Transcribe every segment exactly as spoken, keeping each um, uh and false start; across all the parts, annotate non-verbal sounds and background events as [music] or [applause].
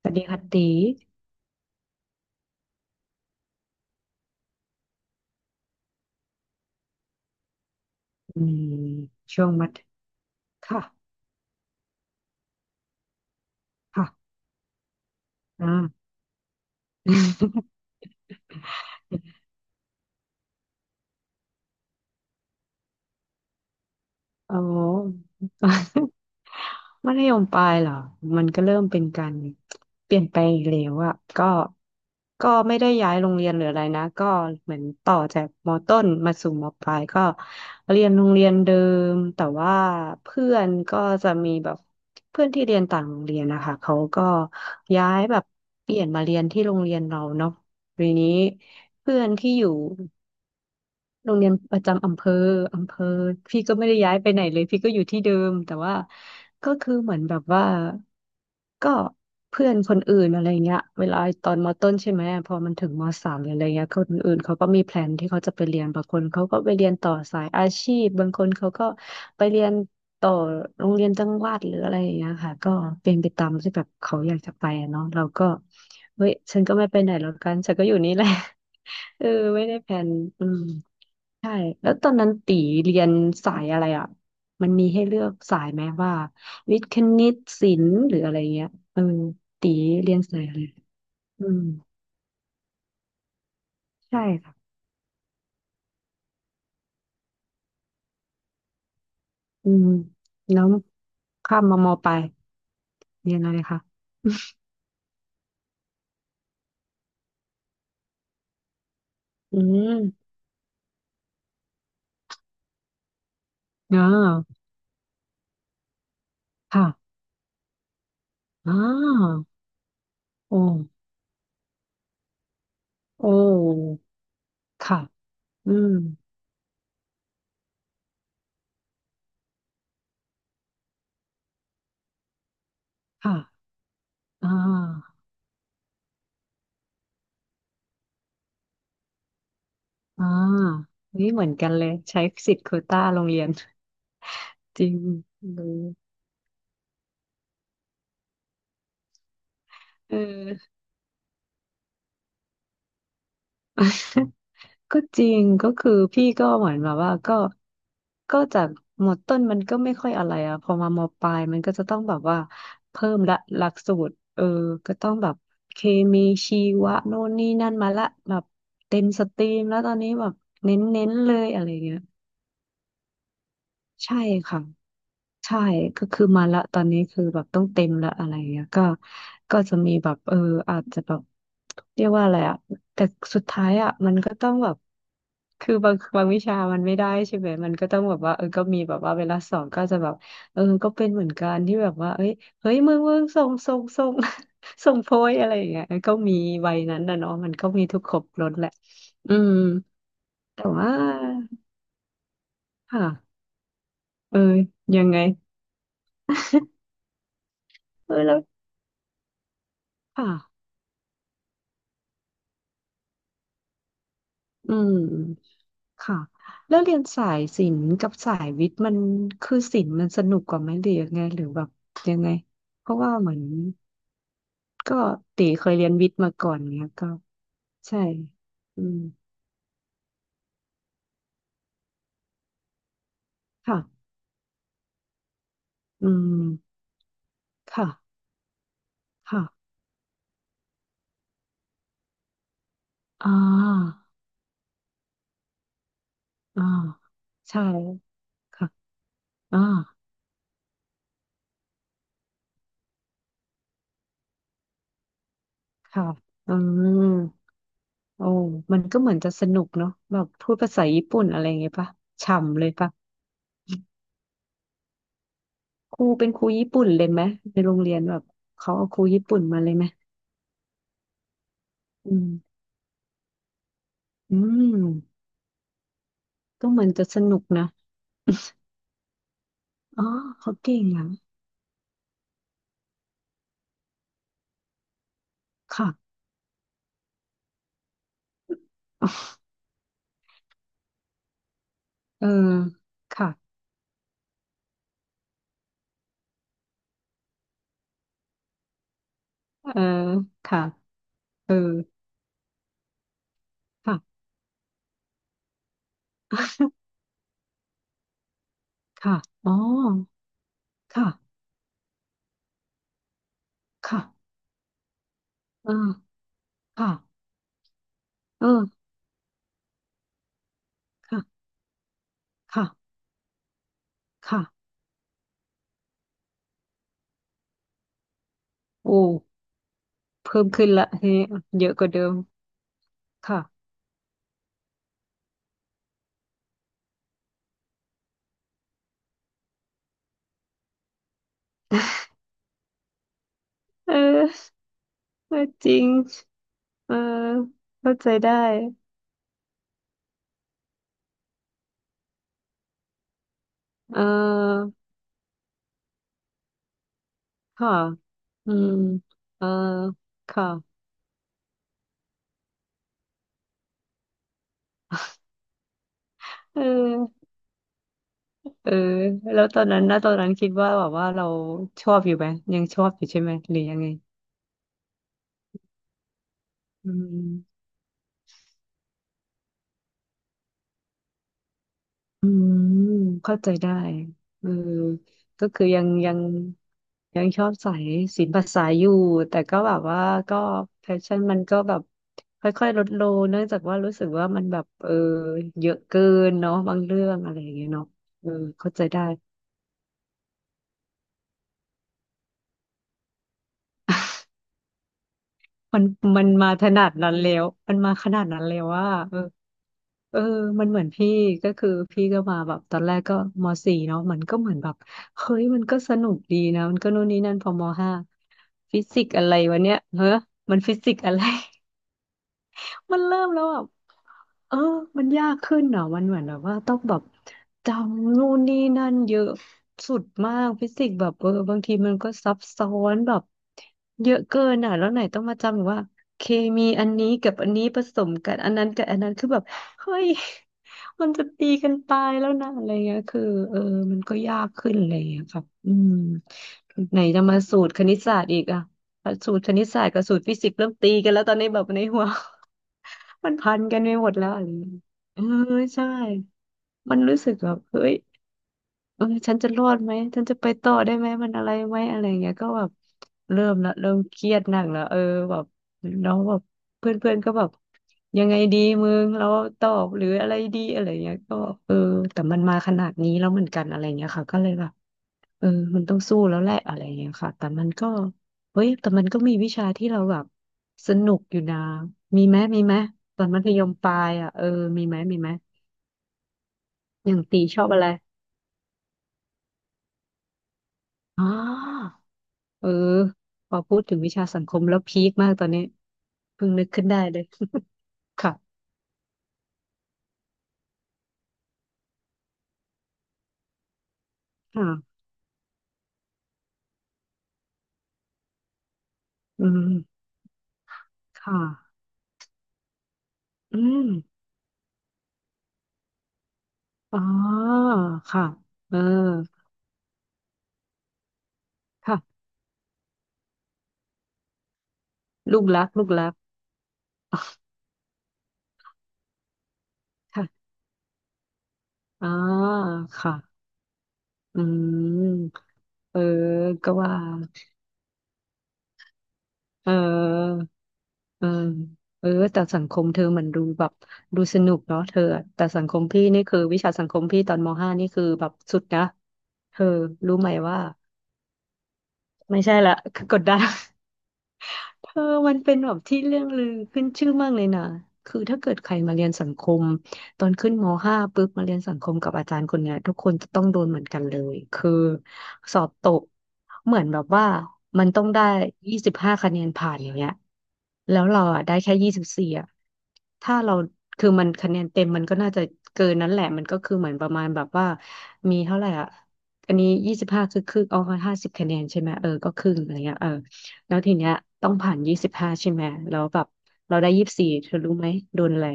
สวัสดีค่ะตีอืมช่วงมัธค่ะค่ะอ่า [laughs] อ๋อ มัธยมปลายเหรอ มันก็เริ่มเป็นการเปลี่ยนไปอีกแล้วอะก็ก็ไม่ได้ย้ายโรงเรียนหรืออะไรนะ ก็เหมือนต่อจากมต้นมาสู่มปลายก็เรียนโรงเรียนเดิมแต่ว่าเพื่อนก็จะมีแบบเพื่อนที่เรียนต่างโรงเรียนนะคะเขาก็ย้ายแบบเปลี่ยนมาเรียนที่โรงเรียนเราเนาะทีนี้เพื่อนที่อยู่ โรงเรียนประจำอำเภออำเภอพี่ก็ไม่ได้ย้ายไปไหนเลยพี่ก็อยู่ที่เดิมแต่ว่าก็คือเหมือนแบบว่าก็เพื่อนคนอื่นอะไรเงี้ยเวลาตอนมต้นใช่ไหมพอมันถึงมสามหรืออะไรเงี้ยคนอื่นเขาก็มีแพลนที่เขาจะไปเรียนบางคนเขาก็ไปเรียนต่อสายอาชีพบางคนเขาก็ไปเรียนต่อโรงเรียนจังหวัดหรืออะไรอย่างเงี้ยค่ะก็เป็นไปตามที่แบบเขาอยากจะไปอะเนาะเราก็เฮ้ยฉันก็ไม่ไปไหนแล้วกัน [laughs] ฉันก็อยู่นี่แหละ [laughs] เออไม่ได้แผนอืม ใช่แล้วตอนนั้นตีเรียนสายอะไรอ่ะมันมีให้เลือกสายไหมว่าวิทย์คณิตศิลป์หรืออะไรเงี้ยเออตีเรียนสายอะไรอืมใช่ค่ะอืมแล้วข้ามมามอปลายเรียนอะไรคะอืมอ่าค่ะอ่าโอ้โอ้ค่ะอืมค่ะอ่าอ่านี่เหมือนกันเลยใช้สิทธิ์โควต้าโรงเรียน [laughs] จริงเลยเออ ก็จริงก็คือพี่ก็เหมือนแบบว่าก็ก็จากหมดต้นมันก็ไม่ค่อยอะไรอ่ะพอมามปลายมันก็จะต้องแบบว่าเพิ่มละหลักสูตรเออก็ต้องแบบเคมีชีวะโน่นนี่นั่นมาละแบบเต็มสตรีมแล้วตอนนี้แบบเน้นๆเลยอะไรเงี้ยใช่ค่ะ ใช่ก็คือมาละตอนนี้คือแบบต้องเต็มละอะไรเงี้ยก็ก็จะมีแบบเอออาจจะแบบเรียกว่าอะไรอะแต่สุดท้ายอะมันก็ต้องแบบคือบางบางวิชามันไม่ได้ใช่ไหมมันก็ต้องแบบว่าเออก็มีแบบว่าเวลาสอนก็จะแบบเออก็เป็นเหมือนกันที่แบบว่าเอ้ยเฮ้ยมึงมึงส่งส่งส่ง [laughs] ส่งโพยอะไรอย่างเงี้ยก็มีวัยนั้นนะเนาะมันก็มีทุกครบรสแหละอืมแต่ว่าค่ะเออยังไงเออแล้วค่ะอืม ค่ะแล้วเรียนสายศิลป์กับสายวิทย์มันคือศิลป์มันสนุกกว่าไหมหรือยังไงหรือแบบยังไงเพราะว่าเหมือนก็ตีเคยเรียนวิทย์มาก่อนเนี้ยก็ใช่อืมค่ะอืมค่ะค่ะอ่าอ่าใช่ค่ะอ่าค่ะอืมโอ้มันก็เหมือนจะสนุกเนาะแบบพูดภาษาญี่ปุ่นอะไรอย่างเงี้ยปะฉ่ำเลยปะครูเป็นครูญี่ปุ่นเลยไหมในโรงเรียนแบบเขาเอาครูญี่ปุ่นมาเลยไหม อืมอืมก็เหมือนจะสนุกนะอ๋อเขาเก่งอ่ะค่ะ เออค่ะเออค่ะเออค่ะค่ะอ๋อค่ะค่ะเออค่ะเออค่ะค่ะค่ะโอ้เพิ่มขึ้นละทีนี้เยอะกว่าเดิมค่ะเออเออจริงเออเข้าใจได้เออค่ะอืมเออค่ะเออ เออแล้วตอนนั้นนะตอนนั้นคิดว่าแบบว่าเราชอบอยู่ไหมยังชอบอยู่ใช่ไหมหรือยังไงอืมอืมเข้าใจได้เออก็คือยังยังยังชอบใส่ศิลปะสายอยู่แต่ก็แบบว่าก็แพชชั่นมันก็แบบค่อยๆลดลงเนื่องจากว่ารู้สึกว่ามันแบบเออเยอะเกินเนาะบางเรื่องอะไรอย่างเงี้ยเนาะเออเข้าใจได้มันมันมาขนาดนั้นแล้วมันมาขนาดนั้นแล้วว่า เออมันเหมือนพี่ก็คือพี่ก็มาแบบตอนแรกก็มสี่เนาะมันก็เหมือนแบบเฮ้ยมันก็สนุกดีนะมันก็โนู่นนี่นั่นพอมห้าฟิสิกส์อะไรวะเนี่ยเฮ้อ มันฟิสิกส์อะไร [laughs] มันเริ่มแล้วอ่ะ เออมันยากขึ้นเหรอมันเหมือนแบบว่าต้องแบบจำนู่นนี่นั่นเยอะสุดมากฟิสิกส์แบบเออบางทีมันก็ซับซ้อนแบบเยอะเกินอ่ะแล้วไหนต้องมาจำว่าเคมีอันนี้กับอันนี้ผสมกันอันนั้นกับอันนั้นคือแบบเฮ้ย [laughs] มันจะตีกันตายแล้วนะอะไรเงี้ยคือเออมันก็ยากขึ้นอะไรเงี้ยครับอืมไหนจะมาสูตรคณิตศาสตร์อีกอ่ะสูตรคณิตศาสตร์กับสูตรฟิสิกส์เริ่มตีกันแล้วตอนนี้แบบในหัว มันพันกันไปหมดแล้วอะไรอย่างเงี้ยเออใช่ มันรู้สึกแบบเฮ้ยเออฉันจะรอดไหมฉันจะไปต่อได้ไหมมันอะไรไหมอะไรอย่างเงี้ยก็แบบเริ่มละเริ่มเครียดหนักแล้วเออแบบน้องแบบเพื่อนเพื่อนก็แบบยังไงดีมึงเราตอบหรืออะไรดีอะไรอย่างเงี้ยก็เออแต่มันมาขนาดนี้แล้วเหมือนกันอะไรอย่างเงี้ยค่ะก็เลยแบบ เออมันต้องสู้แล้วแหละอะไรอย่างเงี้ยค่ะ แต่มันก็ เฮ้ยแต่มันก็มีวิชาที่เราแบบสนุกอยู่นะมีไหมมีไหมตอนมัธยมปลายอ่ะเออมีไหมมีไหมอย่างตีชอบอะไรอ๋อเออพอพูดถึงวิชาสังคมแล้วพีคมากตอนนี้เพิ่งนึกขึ้นได้เลย [laughs] ค่ะค่ะอืมค่ะอืมอ๋อค่ะเออค่ะลูกรักลูกรัก [laughs] ค่ะอ๋อค่ะอืม เออ ก็ว่า เออ เออ เออ แต่สังคมเธอเหมันดูแบบดูสนุกเนาะเธออะแต่สังคมพี่นี่คือวิชาสังคมพี่ตอนมห้านี่คือแบบสุดนะ เธอรู้ไหมว่าไม่ใช่ละ [laughs] คือกดดัน เธอมันเป็นแบบที่เรื่องลือขึ้นชื่อมากเลยนะคือถ้าเกิดใครมาเรียนสังคมตอนขึ้นมห้าปุ๊บมาเรียนสังคมกับอาจารย์คนเนี้ยทุกคนจะต้องโดนเหมือนกันเลย คือสอบตกเหมือนแบบว่ามันต้องได้ยี่สิบห้าคะแนนผ่านอย่างเงี้ยแล้วเราอ่ะได้แค่ยี่สิบสี่อ่ะถ้าเราคือมันคะแนนเต็มมันก็น่าจะเกินนั้นแหละมันก็คือเหมือนประมาณแบบว่ามีเท่าไหร่อ่ะอันนี้ยี่สิบห้าคือครึ่งเอาห้าสิบคะแนนใช่ไหมเออก็ครึ่งอะไรเงี้ยเออ แล้วทีเนี้ยต้องผ่านยี่สิบห้าใช่ไหมแล้วแบบเราได้ยี่สิบสี่เธอรู้ไหมโดนอะไร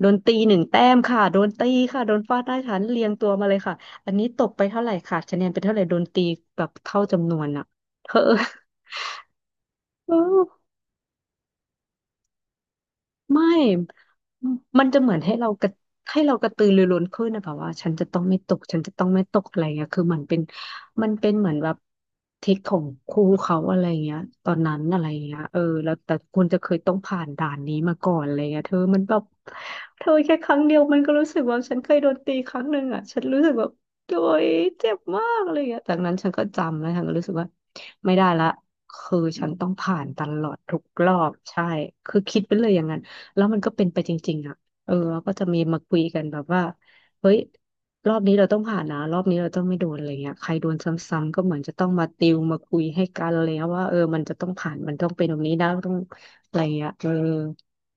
โดนตีหนึ่งแต้มค่ะโดนตีค่ะโดนฟาดหน้าฉันเรียงตัวมาเลยค่ะอันนี้ตกไปเท่าไหร่ขาดคะแนนไปเท่าไหร่โดนตีแบบเท่าจำนวนอ่ะเธอ [laughs] ไม่มันจะเหมือนให้เรากระให้เรากระตือรือร้นขึ้นนะแบบว่าฉันจะต้องไม่ตกฉันจะต้องไม่ตกอะไรเงี้ยคือมันเป็นมันเป็นเหมือนแบบทิศของครูเขาอะไรเงี้ยตอนนั้นอะไรเงี้ยเออแล้วแต่คุณจะเคยต้องผ่านด่านนี้มาก่อนอะไรเงี้ยเธอมันแบบเธอแค่ครั้งเดียวมันก็รู้สึกว่าฉันเคยโดนตีครั้งหนึ่งอ่ะฉันรู้สึกแบบโดยเจ็บมากอะไรเงี้ยจากนั้นฉันก็จำแล้วฉันก็รู้สึกว่าไม่ได้ละคือฉันต้องผ่านตลอดทุกรอบใช่คือคิดไปเลยอย่างนั้น แล้วมันก็เป็นไปจริงๆอ่ะเออแล้วก็จะมีมาคุยกันแบบว่าเฮ้ย รอบนี้เราต้องผ่านนะรอบนี้เราต้องไม่โดนอะไรเงี้ยใครโดนซ้ำๆก็เหมือนจะต้องมาติวมาคุยให้กันอะไรเงี้ยว่าเออมันจะต้องผ่านมันต้องเป็นตรงนี้นะต้องอะไรเงี้ยเออ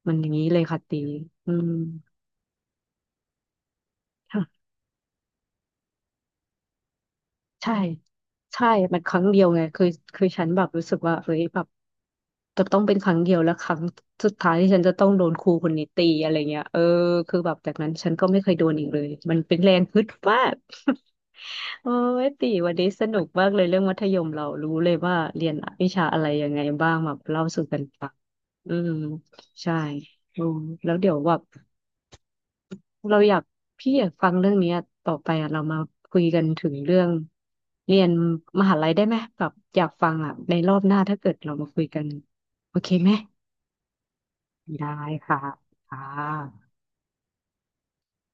มันอย่างนี้เลยค่ะตีอืมค่ะ ใช่ใช่มันครั้งเดียวไงคือคือฉันแบบรู้สึกว่าเฮ้ยแบบจะต้องเป็นครั้งเดียวแล้วครั้งสุดท้ายที่ฉันจะต้องโดนครูคนนี้ตีอะไรเงี้ยเออคือแบบจากนั้นฉันก็ไม่เคยโดนอีกเลยมันเป็นแรงฮึดมาก [laughs] โอ้ยตีวันนี้สนุกมากเลย เรื่องมัธยมเรารู้เลยว่าเรียนวิชาอะไรยังไงบ้างแบบเล่าสู่กันฟังอืมใช่อืมแล้วเดี๋ยวแบบ เราอยากพี่อยากฟังเรื่องเนี้ยต่อไปอ่ะเรามาคุยกันถึงเรื่องเรียนมหาลัยได้ไหมแบบอยากฟังอ่ะในรอบหน้าถ้าเกิดเรามาคุยกันโอเคไหมได้ค่ะค่ะ